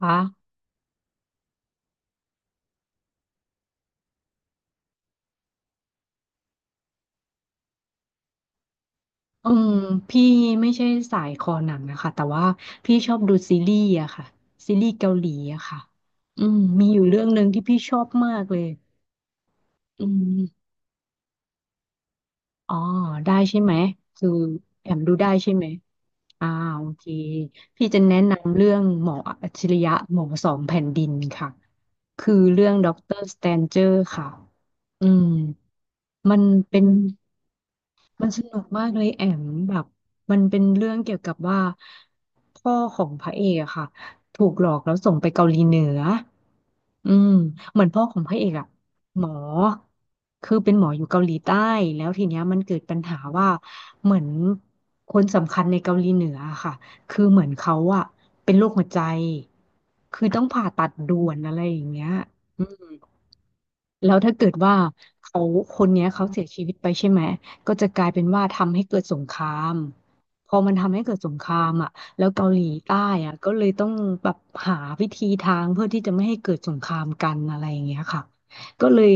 คะอืมพี่ไม่ใช่สายคอหนังนะคะแต่ว่าพี่ชอบดูซีรีส์อะค่ะซีรีส์เกาหลีอะค่ะอืมมีอยู่เรื่องหนึ่งที่พี่ชอบมากเลยอืมอ๋อได้ใช่ไหมคือแอมดูได้ใช่ไหมอ่าโอเคพี่จะแนะนำเรื่องหมออัจฉริยะหมอสองแผ่นดินค่ะคือเรื่องด็อกเตอร์สแตนเจอร์ค่ะอืมมันเป็น มันสนุกมากเลยแอมแบบมันเป็นเรื่องเกี่ยวกับว่าพ่อของพระเอกอะค่ะถูกหลอกแล้วส่งไปเกาหลีเหนืออืมเหมือนพ่อของพระเอกอะหมอคือเป็นหมออยู่เกาหลีใต้แล้วทีเนี้ยมันเกิดปัญหาว่าเหมือนคนสำคัญในเกาหลีเหนืออะค่ะคือเหมือนเขาอะเป็นโรคหัวใจคือต้องผ่าตัดด่วนอะไรอย่างเงี้ยอืม แล้วถ้าเกิดว่าเขาคนเนี้ยเขาเสียชีวิตไปใช่ไหมก็จะกลายเป็นว่าทำให้เกิดสงครามพอมันทำให้เกิดสงครามอ่ะแล้วเกาหลีใต้อ่ะก็เลยต้องแบบหาวิธีทางเพื่อที่จะไม่ให้เกิดสงครามกันอะไรอย่างเงี้ยค่ะก็เลย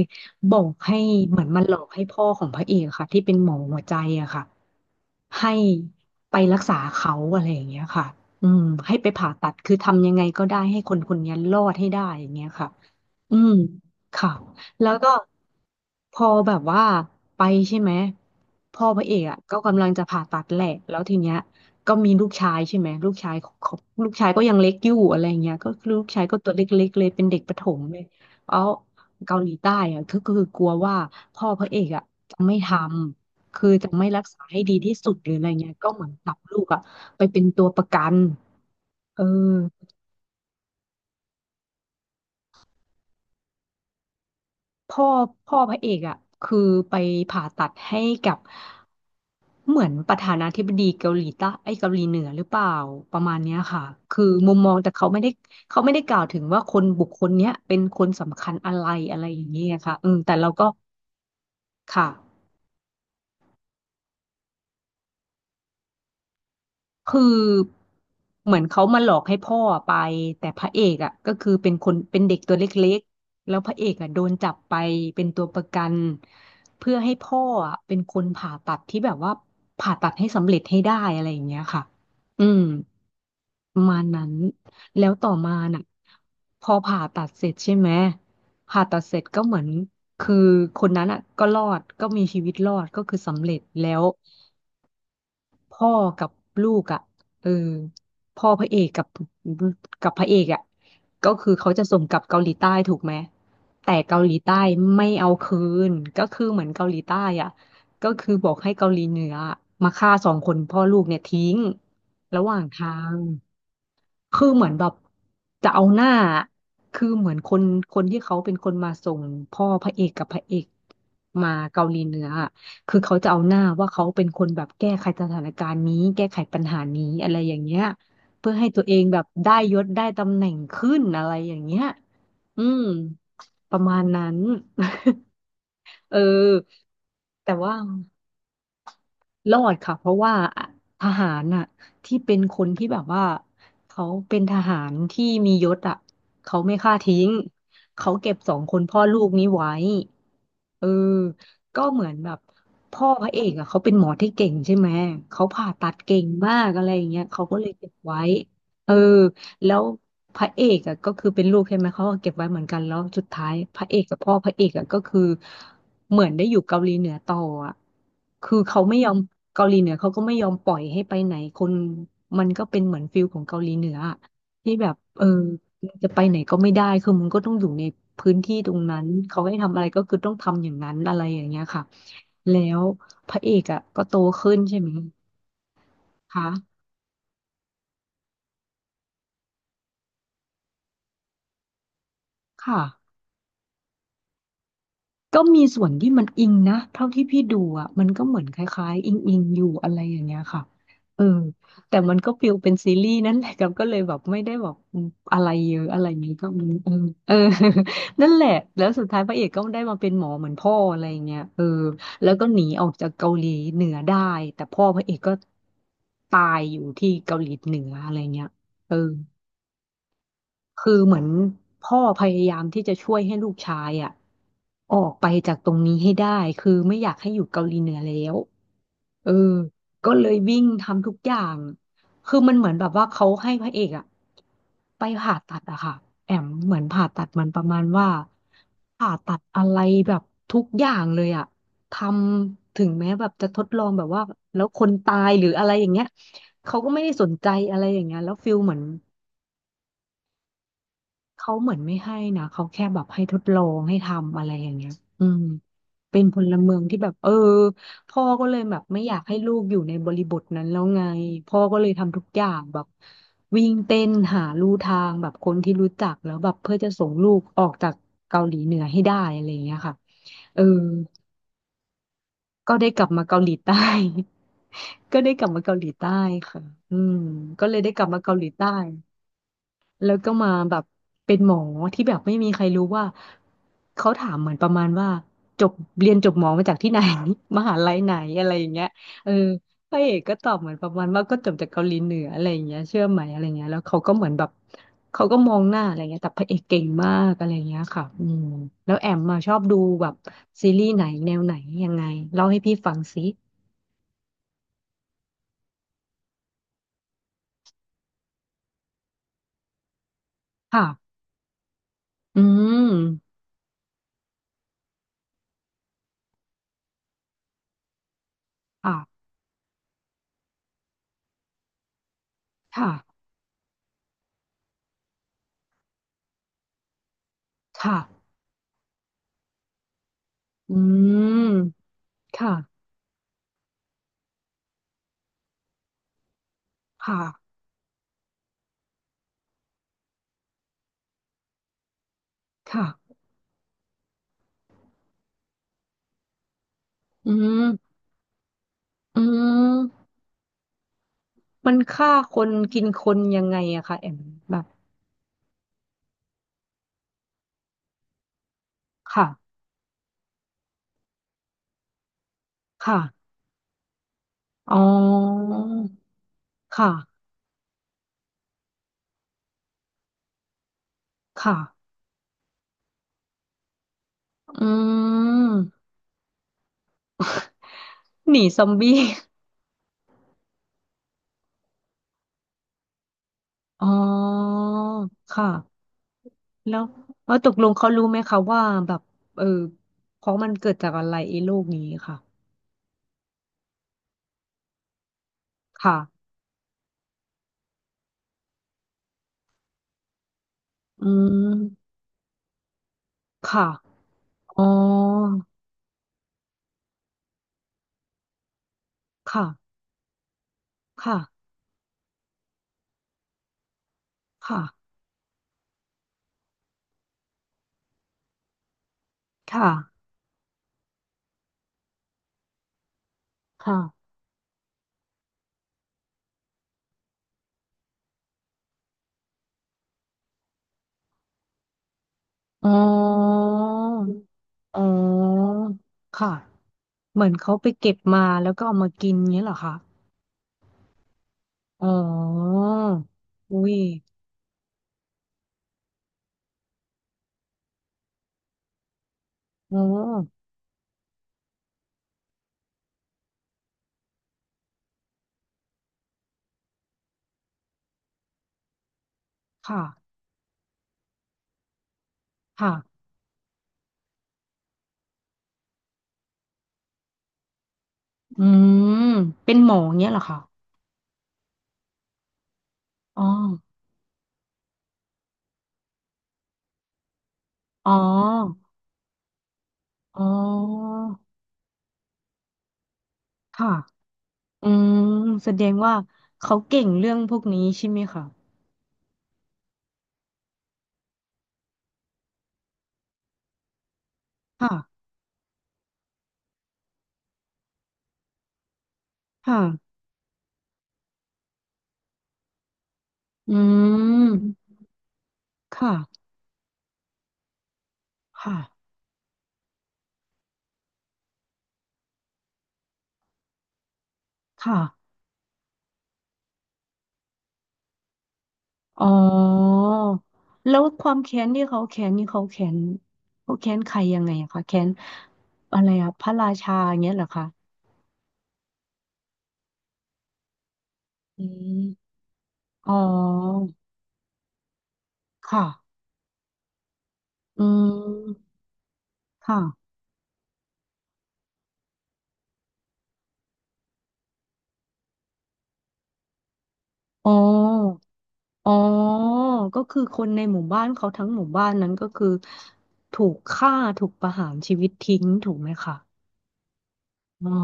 บอกให้เหมือนมันหลอกให้พ่อของพระเอกค่ะที่เป็นหมอหัวใจอะค่ะให้ไปรักษาเขาอะไรอย่างเงี้ยค่ะอืมให้ไปผ่าตัดคือทำยังไงก็ได้ให้คนคนนี้รอดให้ได้อย่างเงี้ยค่ะ อืมค่ะแล้วก็พอแบบว่าไปใช่ไหมพ่อพระเอกอ่ะก็กำลังจะผ่าตัดแหละแล้วทีเนี้ยก็มีลูกชายใช่ไหมลูกชายของลูกชายก็ยังเล็กอยู่อะไรเงี้ยก็คือลูกชายก็ตัวเล็กๆเลยเป็นเด็กประถมเลยเอาเกาหลีใต้อ่ะก็คือกลัวว่าพ่อพระเอกอ่ะจะไม่ทำคือจะไม่รักษาให้ดีที่สุดหรืออะไรเงี้ยก็เหมือนจับลูกอ่ะไปเป็นตัวประกันเออ พ่อพ่อพระเอกอ่ะคือไปผ่าตัดให้กับเหมือนประธานาธิบดีเกาหลีใต้ไอ้ยเกาหลีเหนือหรือเปล่าประมาณเนี้ยค่ะคือมุมมองแต่เขาไม่ได้เขาไม่ได้กล่าวถึงว่าคนบุคคลเนี้ยเป็นคนสำคัญอะไรอะไรอย่างเงี้ยค่ะอืมแต่เราก็ค่ะ คือเหมือนเขามาหลอกให้พ่อไปแต่พระเอกอ่ะก็คือเป็นคนเป็นเด็กตัวเล็กๆแล้วพระเอกอ่ะโดนจับไปเป็นตัวประกันเพื่อให้พ่ออะเป็นคนผ่าตัดที่แบบว่าผ่าตัดให้สำเร็จให้ได้อะไรอย่างเงี้ยค่ะอืมประมาณนั้นแล้วต่อมาน่ะพอผ่าตัดเสร็จใช่ไหมผ่าตัดเสร็จก็เหมือนคือคนนั้นอ่ะก็รอดก็มีชีวิตรอดก็คือสำเร็จแล้ว พ่อกับลูกอ่ะเออพ่อพระเอกกับพระเอกอ่ะก็คือเขาจะส่งกลับเกาหลีใต้ถูกไหมแต่เกาหลีใต้ไม่เอาคืนก็คือเหมือนเกาหลีใต้อ่ะก็คือบอกให้เกาหลีเหนือมาฆ่าสองคนพ่อลูกเนี่ยทิ้งระหว่างทาง คือเหมือนแบบจะเอาหน้าคือเหมือนคนที่เขาเป็นคนมาส่งพ่อพระเอกกับพระเอกมาเกาหลีเหนืออะคือเขาจะเอาหน้าว่าเขาเป็นคนแบบแก้ไขสถานการณ์นี้แก้ไขปัญหานี้อะไรอย่างเงี้ยเพื่อให้ตัวเองแบบได้ยศได้ตำแหน่งขึ้นอะไรอย่างเงี้ยอืมประมาณนั้น เออแต่ว่า รอดค่ะเพราะว่าทหารน่ะที่เป็นคนที่แบบว่าเขาเป็นทหารที่มียศอ่ะเขาไม่ฆ่าทิ้งเขาเก็บสองคนพ่อลูกนี้ไว้เออก็เหมือนแบบพ่อพระเอกอ่ะเขาเป็นหมอที่เก่งใช่ไหมเขาผ่าตัดเก่งมากอะไรอย่างเงี้ยเขาก็เลยเก็บไว้เออแล้วพระเอกอ่ะก็คือเป็นลูกใช่ไหมเขาก็เก็บไว้เหมือนกันแล้วสุดท้ายพระเอกกับพ่อพระเอกอ่ะก็คือ เหมือนได้อยู่เกาหลีเหนือต่ออ่ะคือเขาไม่ยอมเกาหลีเหนือเขาก็ไม่ยอมปล่อยให้ไปไหนคนมันก็เป็นเหมือนฟิลของเกาหลีเหนืออะที่แบบเออมึงจะไปไหนก็ไม่ได้คือมึงก็ต้องอยู่ในพื้นที่ตรงนั้นเขาให้ทำอะไรก็คือต้องทำอย่างนั้นอะไรอย่างเงี้ยค่ะแล้วพระเอกอ่ะก็โตขึ้นใช่ไหมคะค่ะ ก็มีส่วนที่มันอิงนะเท่าที่พี่ดูอ่ะมันก็เหมือนคล้ายๆอิงอยู่อะไรอย่างเงี้ยค่ะเออแต่มันก็ฟิลเป็นซีรีส์นั่นแหละครับก็เลยแบบไม่ได้แบบอะไรเยอะอะไรนี้ก็มีเออ เออ นั่นแหละแล้วสุดท้ายพระเอกก็ได้มาเป็นหมอเหมือนพ่ออะไรอย่างเงี้ยเออแล้วก็หนีออกจากเกาหลีเหนือได้แต่พ่อพระเอกก็ตายอยู่ที่เกาหลีเหนืออะไรเงี้ยเออ คือเหมือนพ่อพยายามที่จะช่วยให้ลูกชายอ่ะออกไปจากตรงนี้ให้ได้คือไม่อยากให้อยู่เกาหลีเหนือแล้วเออก็เลยวิ่งทำทุกอย่างคือมันเหมือนแบบว่าเขาให้พระเอกอะไปผ่าตัดอะค่ะแอมเหมือนผ่าตัดมันประมาณว่าผ่าตัดอะไรแบบทุกอย่างเลยอะทำถึงแม้แบบจะทดลองแบบว่าแล้วคนตายหรืออะไรอย่างเงี้ยเขาก็ไม่ได้สนใจอะไรอย่างเงี้ยแล้วฟิลเหมือน เขาเหมือนไม่ให้นะเขาแค่แบบให้ทดลองให้ทำอะไรอย่างเงี้ยอืมเป็นพลเมืองที่แบบเออพ่อก็เลยแบบไม่อยากให้ลูกอยู่ในบริบทนั้นแล้วไงพ่อก็เลยทำทุกอย่างแบบวิ่งเต้นหาลู่ทางแบบคนที่รู้จักแล้วแบบเพื่อจะส่งลูกออกจากเกาหลีเหนือให้ได้อะไรอย่างเงี้ยค่ะเออก็ได้กลับมาเกาหลีใต้ ก็ได้กลับมาเกาหลีใต้ค่ะอืมก็เลยได้กลับมาเกาหลีใต้ แล้วก็มาแบบเป็นหมอที่แบบไม่มีใครรู้ว่าเขาถามเหมือนประมาณว่าจบเรียนจบหมอมาจากที่ไหน มหาลัยไหนอะไรอย่างเงี้ยเออพระเอกก็ตอบเหมือนประมาณว่าก็จบจากเกาหลีเหนืออะไรอย่างเงี้ยเชื่อไหมอะไรเงี้ยแล้วเขาก็เหมือนแบบเขาก็มองหน้าอะไรเงี้ยแต่พระเอกเก่งมากอะไรเงี้ยค่ะอืมแล้วแอมมาชอบดูแบบซีรีส์ไหนแนวไหนยังไงเล่าให้พี่ฟังสิค่ะอืมค่ะค่ะค่ะอืมค่ะค่ะ ค่ะอืม อืม มันฆ่าคนกินคนยังไงอะคะแอมแบบค่ะ ค่ะอ๋อค่ะ ค่ะ อืม หนีซอมบี้อ๋อค่ะ แล้วแล้วตกลงเขารู้ไหมคะว่าแบบเออของมันเกิดจากอะไรไอ้โรคนี้ค่ะ ค่ะ อืม ค่ะอ๋อค่ะ ค่ะ ค่ะค่ะค่ะ อ๋ออ๋อค่ะเหมือนเขาไปเก็บมาแล้วก็เอามากินเงี้ยเหรอคะอ๋ออุ้ยอ๋อค่ะค่ะอืมเป็นหมอเงี้ยเหรอคะอ๋ออ๋ออ๋อค่ะอืมแสดงว่าเขาเก่งเรื่องพวกนี้ใช่ไหมคะค่ะค่ะอืมค่ะค่ะค่ะ อ๋อแล้วความแค้นที่เขาแค้นนี่เขาแค้นเขาแค้นใครยังไงอะคะแค้นอะไรอะพระราชาอย่างเงี้ยเหรอคะอืมอ๋อค่ะอืมค่ะอ๋ออ๋อก็คือคนในหมู่บ้านเขาทั้งหมู่บ้านนั้นก็คือถูกฆ่าถูกประหารชีวิตทิ้งถูกไหมคะอ๋อ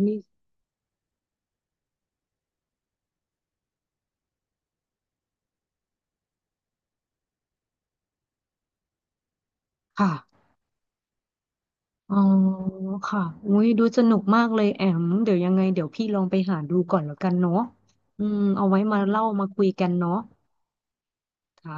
นี่ค่ะ อ๋อค่ะอุ้ยดูสนุกมากเลยแอมเดี๋ยวยังไงเดี๋ยวพี่ลองไปหาดูก่อนแล้วกันเนาะอืมเอาไว้มาเล่ามาคุยกันเนาะค่ะ